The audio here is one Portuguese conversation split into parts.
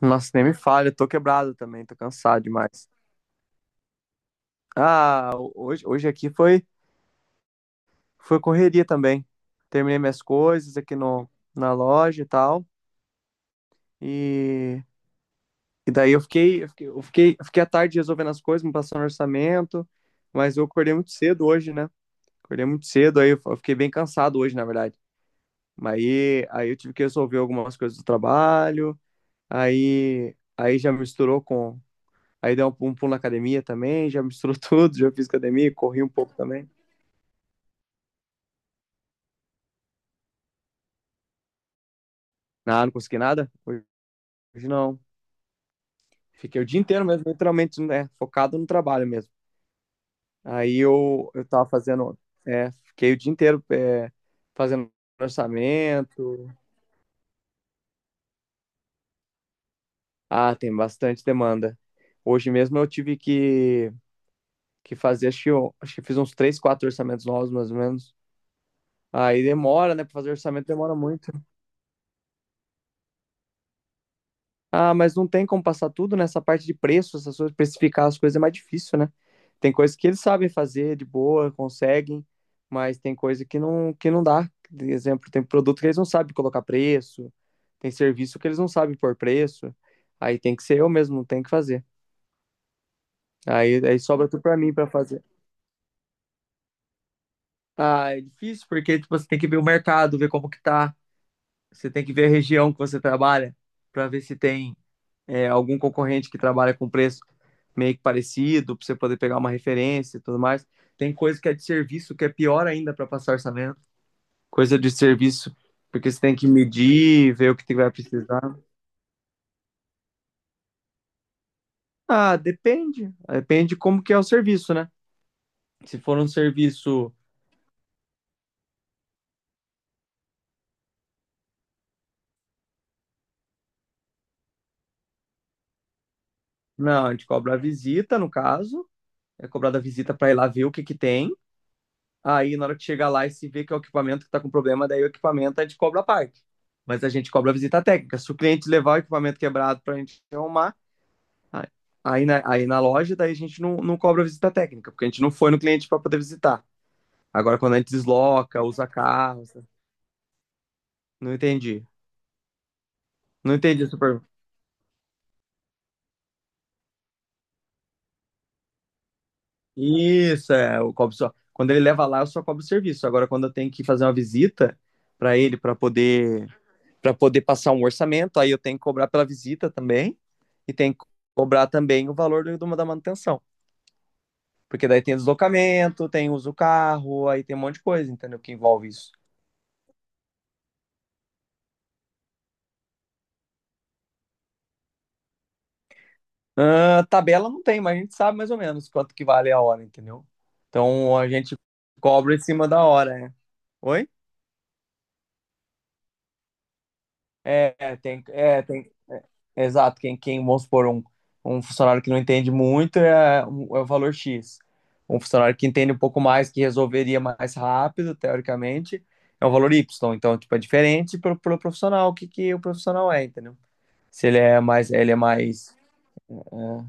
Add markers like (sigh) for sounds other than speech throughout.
Nossa, nem me fale, eu tô quebrado também, tô cansado demais. Ah, hoje aqui foi correria também. Terminei minhas coisas aqui no, na loja e tal. E, e daí eu fiquei a tarde resolvendo as coisas, me passando orçamento, mas eu acordei muito cedo hoje, né? Acordei muito cedo, aí eu fiquei bem cansado hoje, na verdade. Aí eu tive que resolver algumas coisas do trabalho, aí já misturou com. Aí dei um pulo na academia também, já misturou (laughs) tudo, já fiz academia, corri um pouco também. Nada, não consegui nada? Hoje não. Fiquei o dia inteiro mesmo, literalmente, né, focado no trabalho mesmo. Aí eu tava fazendo, fiquei o dia inteiro fazendo orçamento. Ah, tem bastante demanda. Hoje mesmo eu tive que fazer, acho que eu fiz uns três, quatro orçamentos novos, mais ou menos. Aí demora, né, pra fazer orçamento demora muito. Ah, mas não tem como passar tudo nessa parte de preço, essas coisas, precificar as coisas é mais difícil, né? Tem coisas que eles sabem fazer de boa, conseguem, mas tem coisa que não dá. Por exemplo, tem produto que eles não sabem colocar preço, tem serviço que eles não sabem pôr preço, aí tem que ser eu mesmo, tem que fazer. Aí sobra tudo pra mim pra fazer. Ah, é difícil porque tipo, você tem que ver o mercado, ver como que tá, você tem que ver a região que você trabalha pra ver se tem algum concorrente que trabalha com preço meio que parecido, para você poder pegar uma referência e tudo mais. Tem coisa que é de serviço, que é pior ainda para passar orçamento. Coisa de serviço, porque você tem que medir, ver o que vai precisar. Ah, depende. Depende de como que é o serviço, né? Se for um serviço, não, a gente cobra a visita, no caso, é cobrada a visita para ir lá ver o que que tem. Aí, na hora que chegar lá e se vê que é o equipamento que está com problema, daí o equipamento a gente cobra a parte. Mas a gente cobra a visita técnica. Se o cliente levar o equipamento quebrado para a gente arrumar, aí aí na loja, daí a gente não cobra a visita técnica, porque a gente não foi no cliente para poder visitar. Agora, quando a gente desloca, usa carro, sabe? Não entendi. Não entendi super. Isso, é, eu cobro só. Quando ele leva lá, eu só cobro o serviço. Agora, quando eu tenho que fazer uma visita para ele, para poder passar um orçamento, aí eu tenho que cobrar pela visita também, e tenho que cobrar também o valor da manutenção. Porque daí tem deslocamento, tem uso do carro, aí tem um monte de coisa, entendeu? Que envolve isso. Ah, tabela não tem, mas a gente sabe mais ou menos quanto que vale a hora, entendeu? Então a gente cobra em cima da hora, né? Oi? É, é, tem Exato, quem vamos supor, um funcionário que não entende muito é o valor X. Um funcionário que entende um pouco mais, que resolveria mais rápido, teoricamente, é o valor Y. Então, tipo, é diferente pro profissional, o que, que o profissional é, entendeu? Se ele é mais, ele é mais é,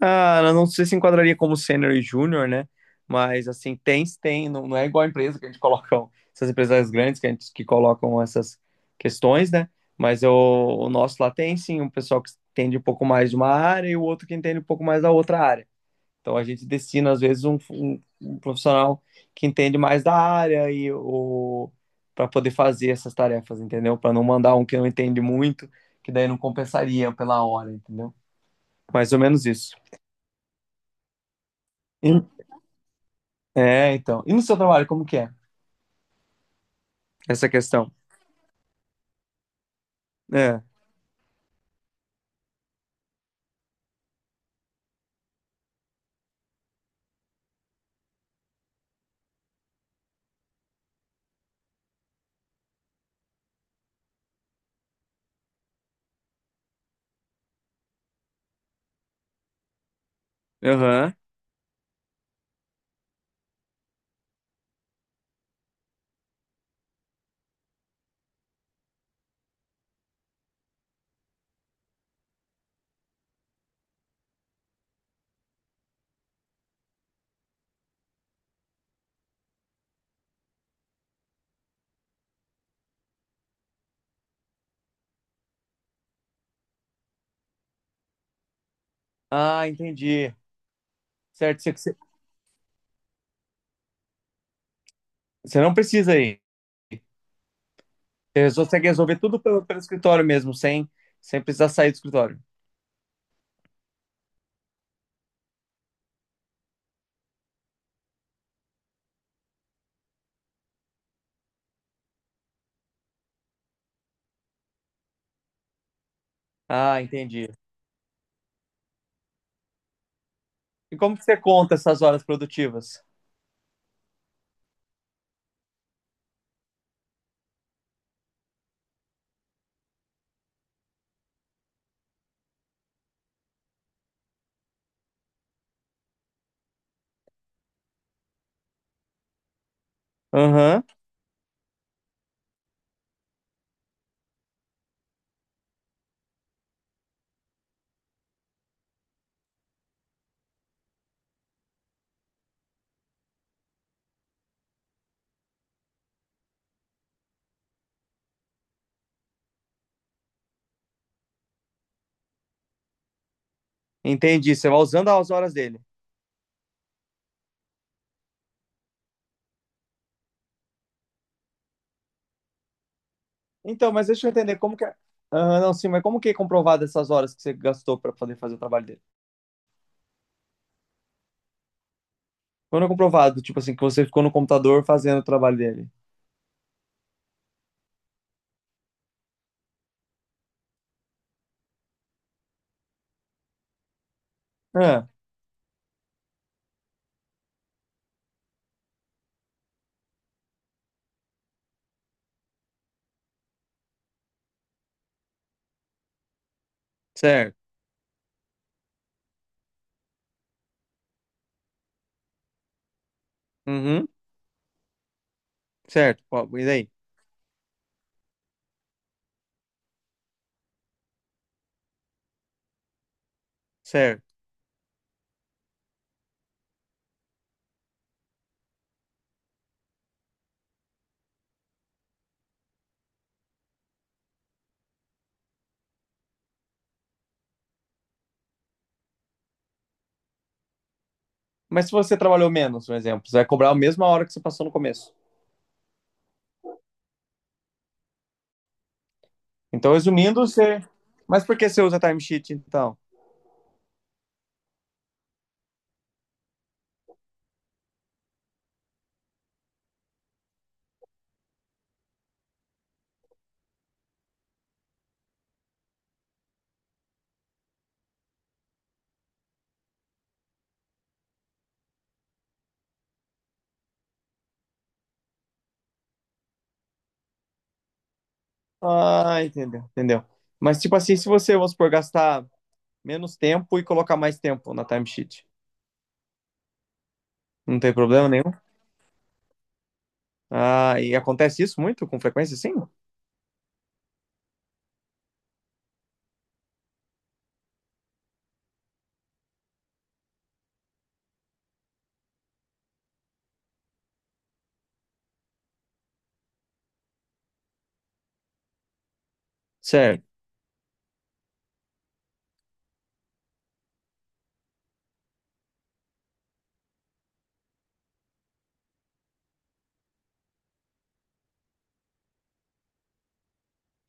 Ah, eu não sei se enquadraria como sênior e júnior, né? Mas assim, tem, tem, não, não é igual a empresa que a gente coloca, essas empresas grandes que colocam essas questões, né? Mas o nosso lá tem sim um pessoal que entende um pouco mais de uma área e o outro que entende um pouco mais da outra área. Então a gente destina, às vezes, um profissional que entende mais da área e o para poder fazer essas tarefas, entendeu? Para não mandar um que não entende muito, que daí não compensaria pela hora, entendeu? Mais ou menos isso. É, então. E no seu trabalho, como que é essa questão? É. Aham. Ah, entendi. Certo, você não precisa ir. Você consegue resolver tudo pelo escritório mesmo, sem precisar sair do escritório. Ah, entendi. E como que você conta essas horas produtivas? Aham, entendi. Você vai usando as horas dele. Então, mas deixa eu entender como que é. Aham, não, sim, mas como que é comprovado essas horas que você gastou para poder fazer o trabalho dele? Quando é comprovado, tipo assim, que você ficou no computador fazendo o trabalho dele. Ah, certo. Uhum. Certo, ó, e daí? Certo. Mas se você trabalhou menos, por exemplo, você vai cobrar a mesma hora que você passou no começo. Então, resumindo, você. Mas por que você usa timesheet, então? Ah, entendeu, entendeu. Mas, tipo assim, se você, vamos supor, gastar menos tempo e colocar mais tempo na timesheet, não tem problema nenhum? Ah, e acontece isso muito com frequência, sim? Certo.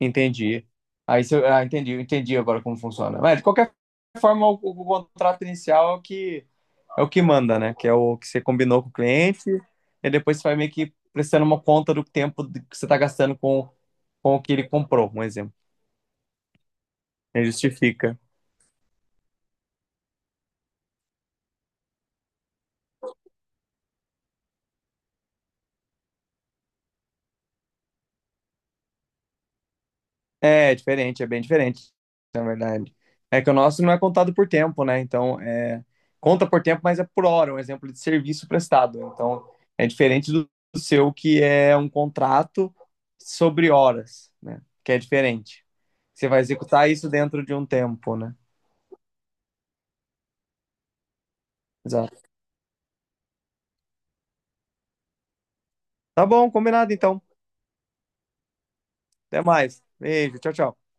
Entendi. Aí se eu, ah, entendi, eu entendi agora como funciona. Mas, de qualquer forma, o contrato inicial é o que manda, né? Que é o que você combinou com o cliente, e depois você vai meio que prestando uma conta do tempo que você está gastando com o que ele comprou, um exemplo. Ele justifica. É, diferente, é bem diferente, na verdade. É que o nosso não é contado por tempo, né? Então, conta por tempo, mas é por hora, um exemplo de serviço prestado. Então, é diferente do seu, que é um contrato sobre horas, né? Que é diferente. Você vai executar isso dentro de um tempo, né? Exato. Tá bom, combinado então. Até mais. Beijo, tchau, tchau.